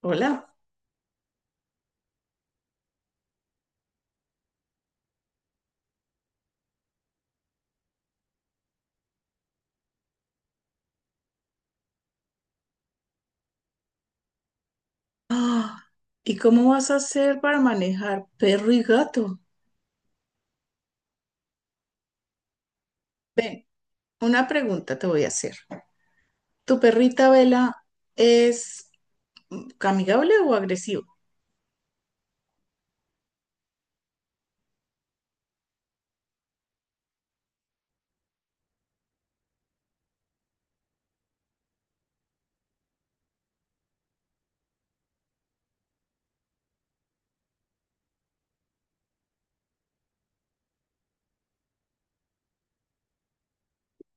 Hola. Ah, ¿y cómo vas a hacer para manejar perro y gato? Ven, una pregunta te voy a hacer. ¿Tu perrita Vela es amigable o agresiva?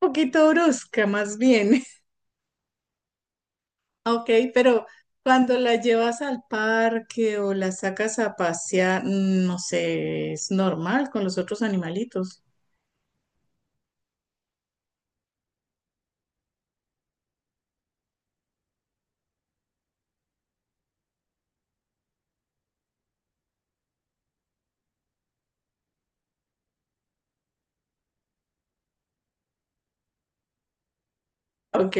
Un poquito brusca, más bien. Ok, pero cuando la llevas al parque o la sacas a pasear, no sé, es normal con los otros animalitos. Ok,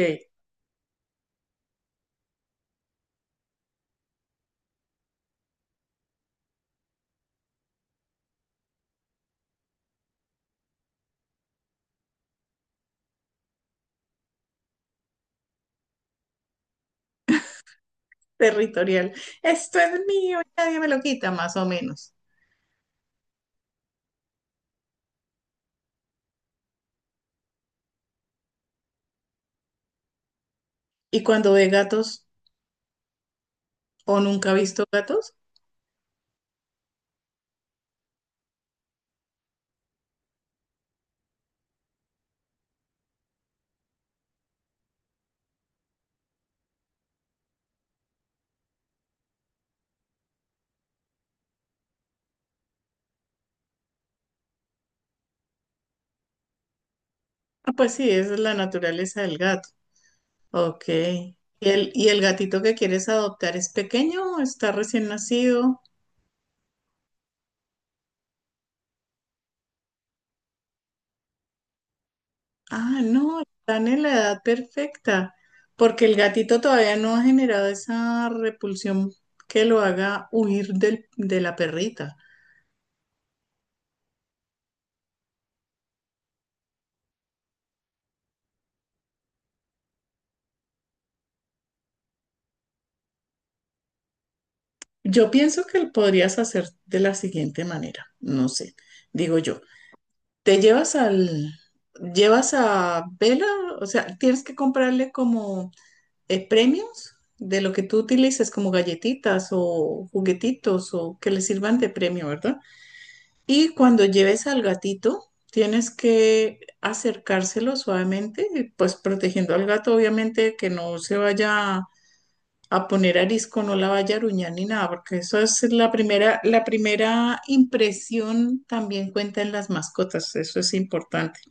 territorial. Esto es mío, nadie me lo quita, más o menos. ¿Y cuando ve gatos? ¿O nunca ha visto gatos? Ah, pues sí, esa es la naturaleza del gato. Ok. ¿Y y el gatito que quieres adoptar es pequeño o está recién nacido? Ah, no, están en la edad perfecta, porque el gatito todavía no ha generado esa repulsión que lo haga huir de la perrita. Yo pienso que lo podrías hacer de la siguiente manera, no sé, digo yo. Te llevas al, llevas a Vela, o sea, tienes que comprarle como premios de lo que tú utilices como galletitas o juguetitos o que le sirvan de premio, ¿verdad? Y cuando lleves al gatito, tienes que acercárselo suavemente, y pues protegiendo al gato, obviamente, que no se vaya a poner arisco, no la vaya a aruñar ni nada, porque eso es la primera impresión también cuenta en las mascotas, eso es importante.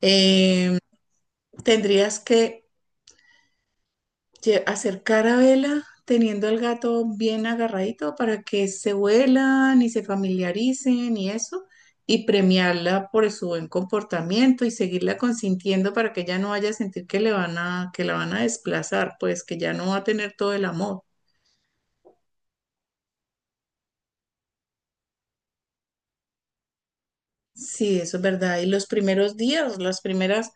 Eh, tendrías que acercar a Vela teniendo al gato bien agarradito para que se vuelan y se familiaricen y eso, y premiarla por su buen comportamiento y seguirla consintiendo para que ella no vaya a sentir que que la van a desplazar, pues que ya no va a tener todo el amor. Sí, eso es verdad. Y los primeros días, las primeras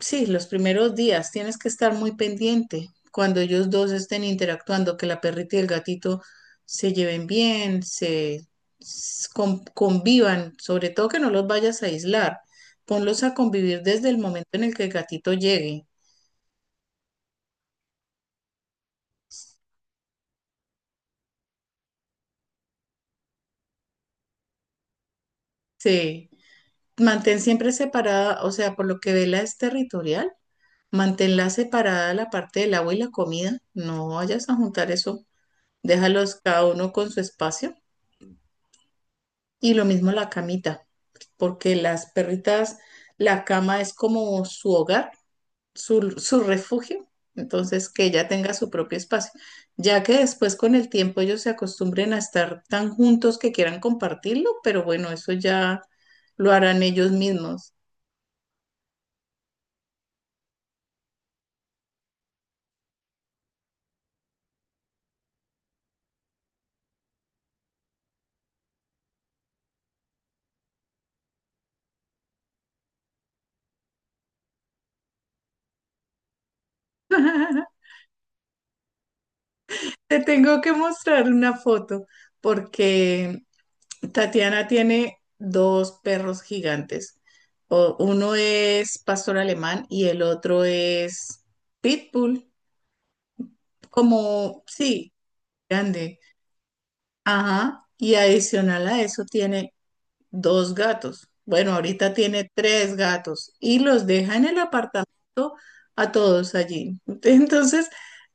Sí, los primeros días tienes que estar muy pendiente cuando ellos dos estén interactuando, que la perrita y el gatito se lleven bien, convivan, sobre todo que no los vayas a aislar, ponlos a convivir desde el momento en el que el gatito llegue. Sí, mantén siempre separada, o sea, por lo que Vela es territorial, manténla separada la parte del agua y la comida, no vayas a juntar eso, déjalos cada uno con su espacio. Y lo mismo la camita, porque las perritas, la cama es como su hogar, su refugio, entonces que ella tenga su propio espacio, ya que después con el tiempo ellos se acostumbren a estar tan juntos que quieran compartirlo, pero bueno, eso ya lo harán ellos mismos. Te tengo que mostrar una foto porque Tatiana tiene dos perros gigantes. Uno es pastor alemán y el otro es pitbull, como, sí, grande. Ajá. Y adicional a eso tiene dos gatos. Bueno, ahorita tiene tres gatos y los deja en el apartamento a todos allí. Entonces,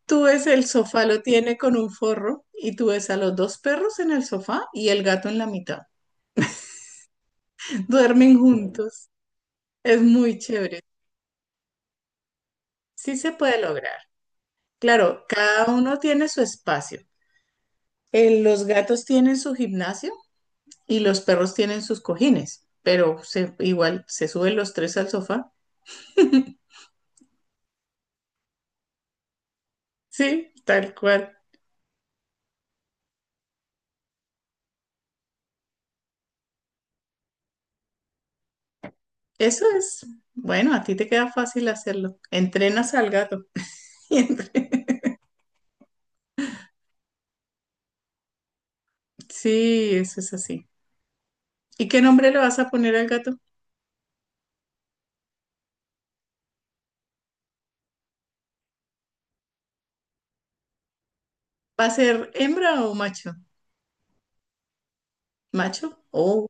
tú ves el sofá, lo tiene con un forro y tú ves a los dos perros en el sofá y el gato en la mitad. Duermen juntos. Es muy chévere. Sí se puede lograr. Claro, cada uno tiene su espacio. Los gatos tienen su gimnasio y los perros tienen sus cojines, pero igual se suben los tres al sofá. Sí, tal cual. Eso es. Bueno, a ti te queda fácil hacerlo. Entrenas al gato. Y Sí, eso es así. ¿Y qué nombre le vas a poner al gato? ¿Va a ser hembra o macho? ¿Macho? Oh,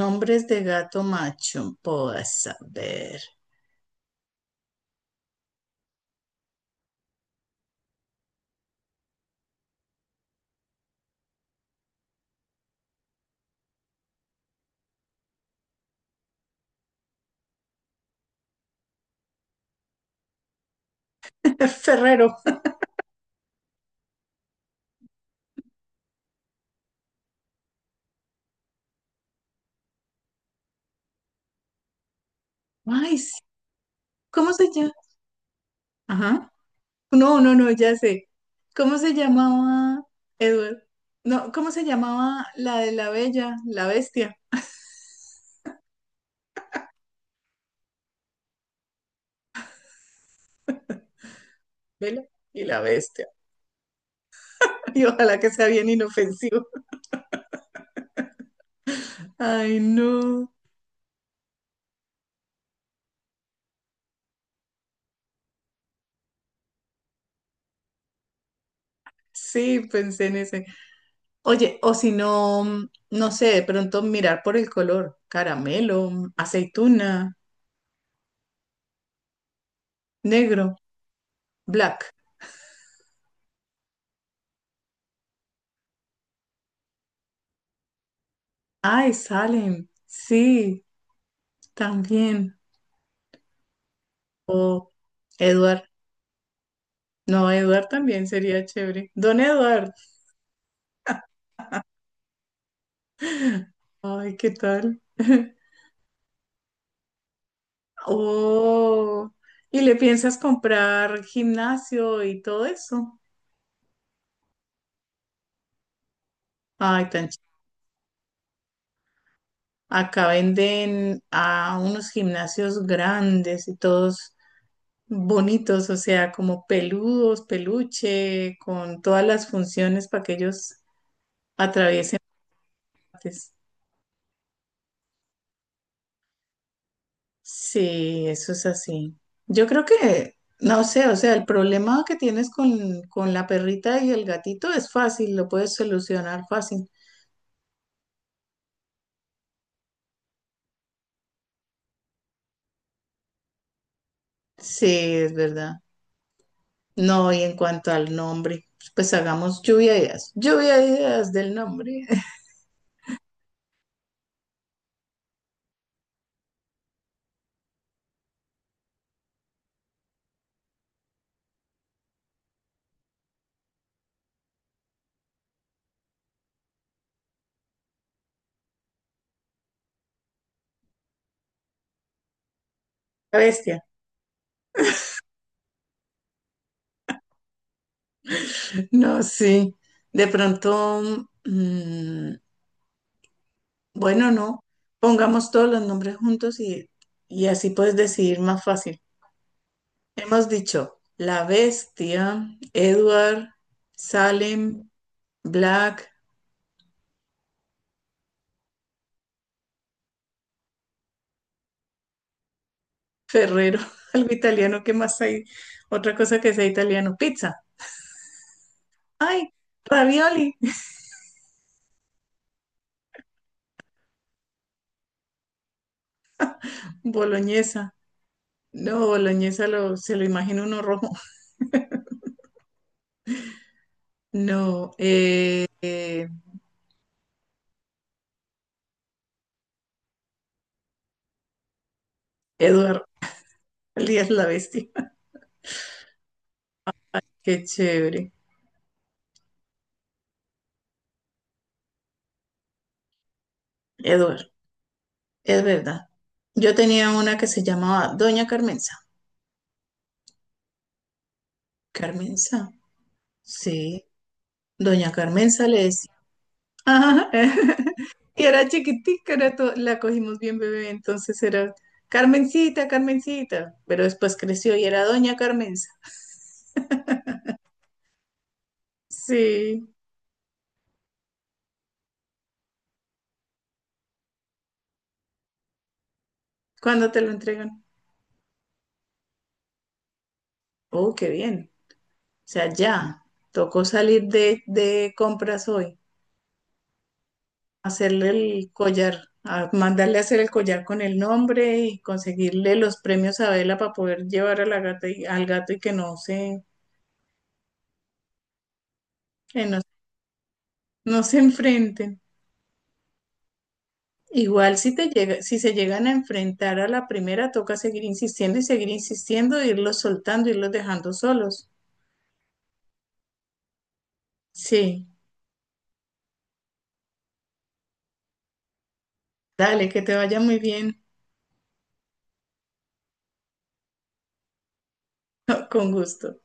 nombres de gato macho. Puedo saber. Es Ferrero. Ay, sí. ¿Cómo se llama? Ajá. No, no, no, ya sé. ¿Cómo se llamaba, Edward? No, ¿cómo se llamaba la de la bella, la bestia? Bella y la bestia. Y ojalá que sea bien inofensivo. Ay, no. Sí, pensé en ese. Oye, o si no, no sé, de pronto mirar por el color. Caramelo, aceituna, negro, black. Ay, salen. Sí, también. O Edward. No, Eduard también sería chévere. Don Eduard. Ay, ¿qué tal? Oh, ¿y le piensas comprar gimnasio y todo eso? Ay, Acá venden a unos gimnasios grandes y todos bonitos, o sea, como peludos, peluche, con todas las funciones para que ellos atraviesen. Antes. Sí, eso es así. Yo creo que, no sé, o sea, el problema que tienes con la perrita y el gatito es fácil, lo puedes solucionar fácil. Sí, es verdad. No, y en cuanto al nombre, pues hagamos lluvia de ideas. Lluvia de ideas del nombre. La bestia. No, sí. De pronto, mm, bueno, no. Pongamos todos los nombres juntos y así puedes decidir más fácil. Hemos dicho La Bestia, Edward, Salem, Black, Ferrero, algo italiano. ¿Qué más hay? Otra cosa que sea italiano. Pizza. ¡Ay! Ravioli. Boloñesa. No, boloñesa se lo imagina uno rojo. No, Edward, Elías la Bestia. Qué chévere. Edward, es verdad. Yo tenía una que se llamaba Doña Carmenza. Carmenza, sí. Doña Carmenza le decía. Ajá. Y era chiquitica, la cogimos bien bebé, entonces era Carmencita, Carmencita, pero después creció y era Doña Carmenza. Sí, ¿cuándo te lo entregan? Oh, qué bien. O sea, ya, tocó salir de compras hoy, hacerle el collar, a mandarle a hacer el collar con el nombre y conseguirle los premios a Vela para poder llevar a la gata y, al gato y que no se, que no, no se enfrenten. Igual si te llega, si se llegan a enfrentar a la primera, toca seguir insistiendo y seguir insistiendo, irlos soltando, irlos dejando solos. Sí, dale, que te vaya muy bien, con gusto.